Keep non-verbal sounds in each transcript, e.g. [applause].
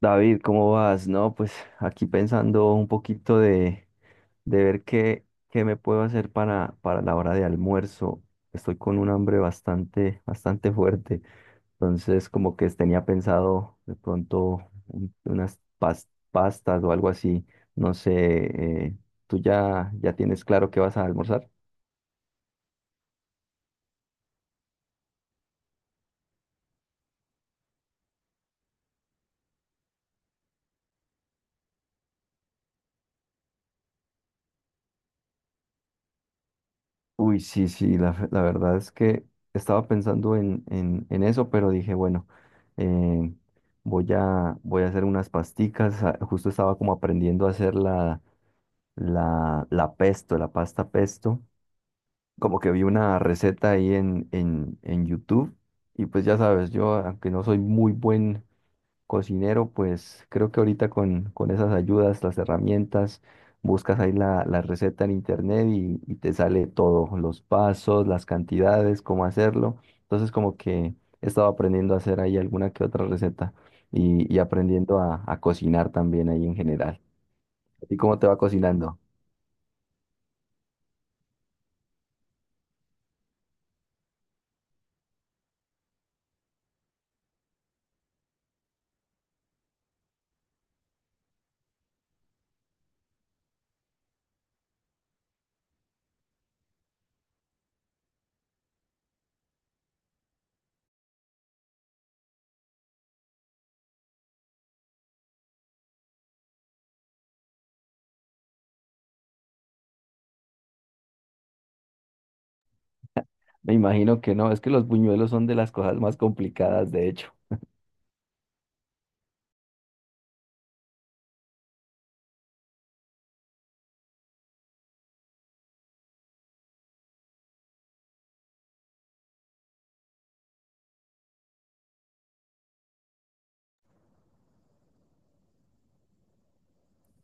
David, ¿cómo vas? No, pues aquí pensando un poquito de ver qué me puedo hacer para la hora de almuerzo. Estoy con un hambre bastante fuerte. Entonces, como que tenía pensado de pronto pastas o algo así. No sé, ¿tú ya tienes claro qué vas a almorzar? Uy, sí, sí, la verdad es que estaba pensando en eso, pero dije, bueno, eh, voy a hacer unas pasticas. Justo estaba como aprendiendo a hacer la pesto, la pasta pesto. Como que vi una receta ahí en YouTube. Y pues ya sabes, yo, aunque no soy muy buen cocinero, pues creo que ahorita con esas ayudas, las herramientas, buscas ahí la receta en internet y te sale todo, los pasos, las cantidades, cómo hacerlo. Entonces como que he estado aprendiendo a hacer ahí alguna que otra receta y aprendiendo a cocinar también ahí en general. ¿Y cómo te va cocinando? Me imagino que no, es que los buñuelos son de las cosas más complicadas, de hecho.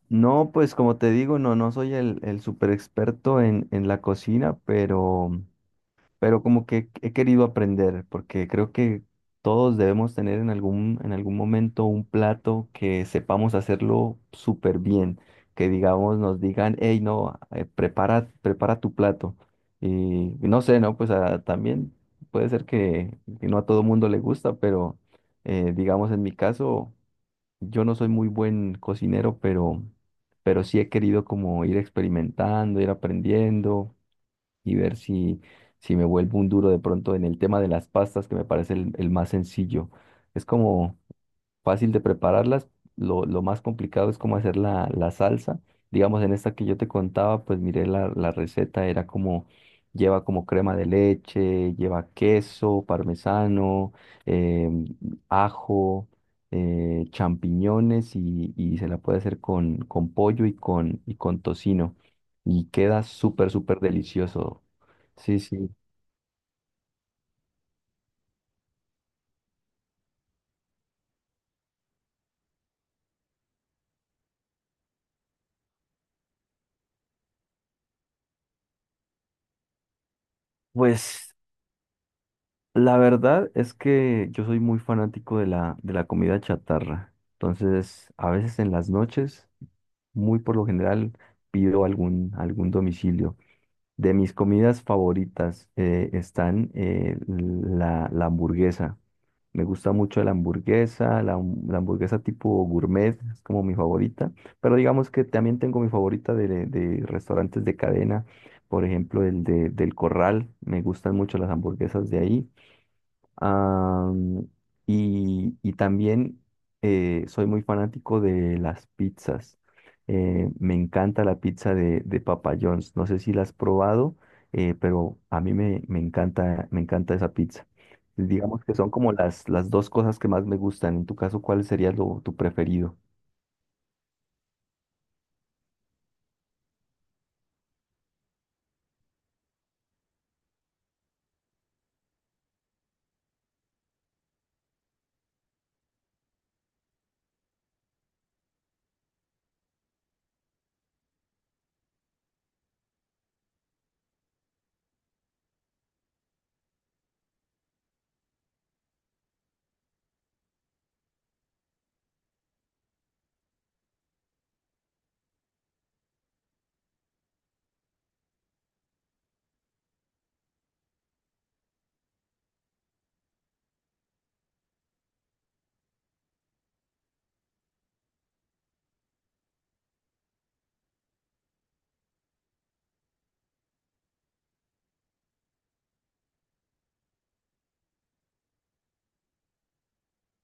No, pues como te digo, no, no soy el super experto en la cocina, pero como que he querido aprender, porque creo que todos debemos tener en en algún momento un plato que sepamos hacerlo súper bien, que digamos, nos digan, hey, no, prepara tu plato. Y no sé, ¿no? Pues ah, también puede ser que no a todo mundo le gusta, pero digamos, en mi caso, yo no soy muy buen cocinero, pero sí he querido como ir experimentando, ir aprendiendo y ver si, si me vuelvo un duro de pronto en el tema de las pastas, que me parece el más sencillo. Es como, fácil de prepararlas. Lo más complicado es cómo hacer la salsa. Digamos, en esta que yo te contaba, pues miré la receta, era como, lleva como crema de leche, lleva queso, parmesano, em, ajo, champiñones y se la puede hacer con pollo y y con tocino. Y queda súper, súper delicioso. Sí, sí. Pues la verdad es que yo soy muy fanático de de la comida chatarra. Entonces, a veces en las noches, muy por lo general, pido algún domicilio. De mis comidas favoritas están la hamburguesa. Me gusta mucho la hamburguesa, la hamburguesa tipo gourmet, es como mi favorita. Pero digamos que también tengo mi favorita de restaurantes de cadena, por ejemplo, el del Corral. Me gustan mucho las hamburguesas de ahí. Am, y también soy muy fanático de las pizzas. Me encanta la pizza de Papa John's. No sé si la has probado, pero a mí me encanta esa pizza. Digamos que son como las dos cosas que más me gustan. En tu caso, ¿cuál sería lo, tu preferido?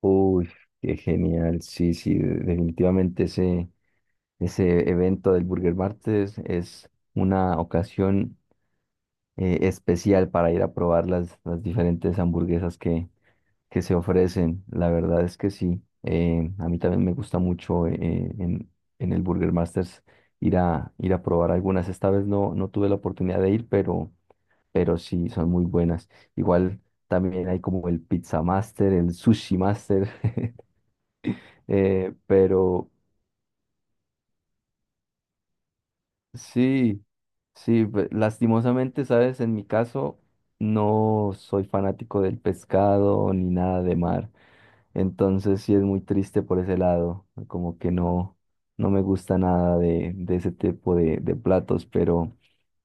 Uy, qué genial. Sí, sí, definitivamente ese, ese evento del Burger Martes es una ocasión especial para ir a probar las diferentes hamburguesas que se ofrecen. La verdad es que sí. A mí también me gusta mucho en el Burger Masters ir ir a probar algunas. Esta vez no, no tuve la oportunidad de ir, pero sí, son muy buenas. Igual también hay como el Pizza Master, el Sushi Master, [laughs] eh, pero, sí, sí, lastimosamente, sabes, en mi caso no soy fanático del pescado ni nada de mar, entonces sí es muy triste por ese lado, como que no, no me gusta nada de ese tipo de platos, pero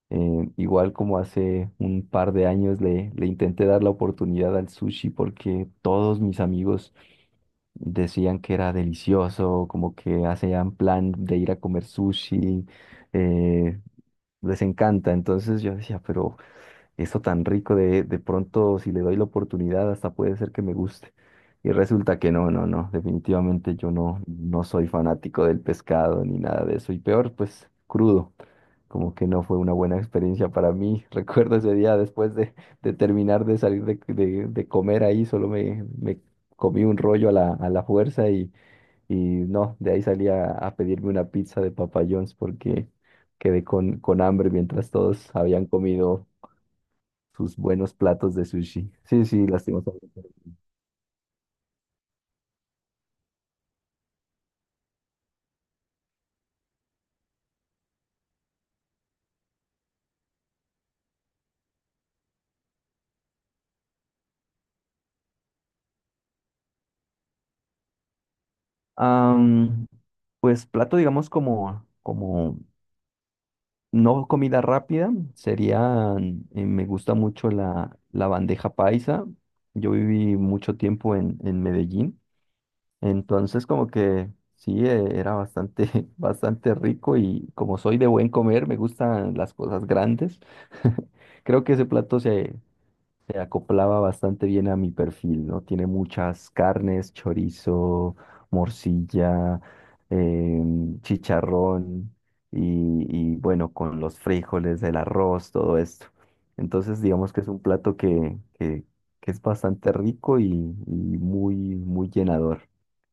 igual como hace un par de años le intenté dar la oportunidad al sushi porque todos mis amigos decían que era delicioso, como que hacían plan de ir a comer sushi. eh, Les encanta. Entonces yo decía, pero esto tan rico de pronto, si le doy la oportunidad, hasta puede ser que me guste. Y resulta que no, no, no, definitivamente yo no, no soy fanático del pescado ni nada de eso. Y peor, pues crudo. Como que no fue una buena experiencia para mí. [laughs] Recuerdo ese día después de terminar de salir de comer ahí, solo me comí un rollo a la fuerza y no, de ahí salí a pedirme una pizza de Papa John's porque quedé con hambre mientras todos habían comido sus buenos platos de sushi. Sí, sí, lastimosamente. Am, pues plato, digamos, como no comida rápida, sería, me gusta mucho la bandeja paisa. Yo viví mucho tiempo en Medellín. Entonces, como que sí, era bastante, [laughs] bastante rico y como soy de buen comer, me gustan las cosas grandes. [laughs] Creo que ese plato se acoplaba bastante bien a mi perfil, ¿no? Tiene muchas carnes, chorizo, morcilla, chicharrón y, bueno, con los frijoles, el arroz, todo esto. Entonces, digamos que es un plato que es bastante rico y muy, muy llenador.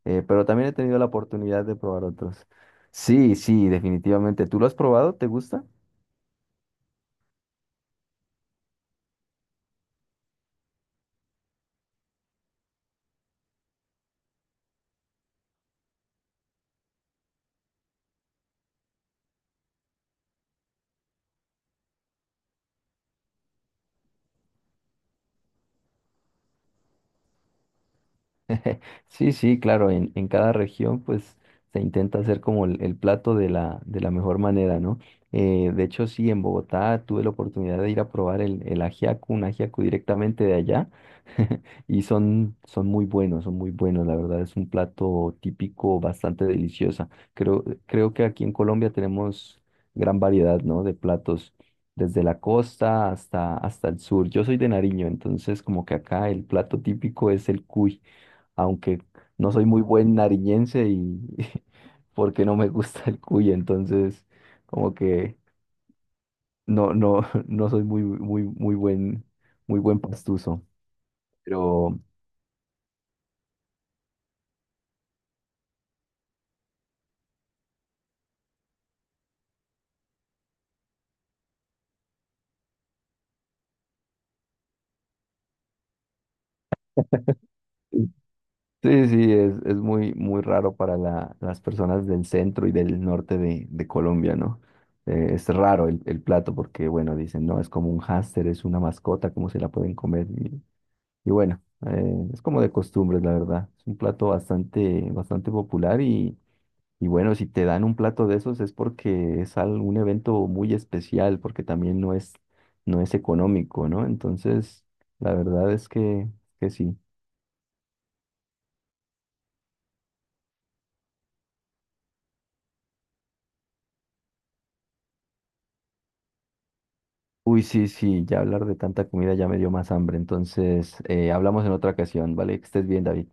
Pero también he tenido la oportunidad de probar otros. Sí, sí, definitivamente. ¿Tú lo has probado? ¿Te gusta? Sí, sí, claro, en cada región pues se intenta hacer como el plato de de la mejor manera, ¿no? De hecho, sí, en Bogotá tuve la oportunidad de ir a probar el ajiaco, un ajiaco directamente de allá, [laughs] y son, son muy buenos, la verdad es un plato típico bastante delicioso. Creo, creo que aquí en Colombia tenemos gran variedad, ¿no? De platos, desde la costa hasta el sur. Yo soy de Nariño, entonces como que acá el plato típico es el cuy, aunque no soy muy buen nariñense y [laughs] porque no me gusta el cuy, entonces como que no, no, [laughs] no soy muy, muy, muy buen pastuso. Pero sí, sí, es muy, muy raro para las personas del centro y del norte de Colombia, ¿no? Es raro el plato porque, bueno, dicen, no, es como un hámster, es una mascota, ¿cómo se la pueden comer? Y bueno, es como de costumbre, la verdad. Es un plato bastante, bastante popular. Y bueno, si te dan un plato de esos es porque es algún evento muy especial, porque también no es, no es económico, ¿no? Entonces, la verdad es que sí. Uy, sí, sí, ya hablar de tanta comida ya me dio más hambre. Entonces, hablamos en otra ocasión, ¿vale? Que estés bien, David.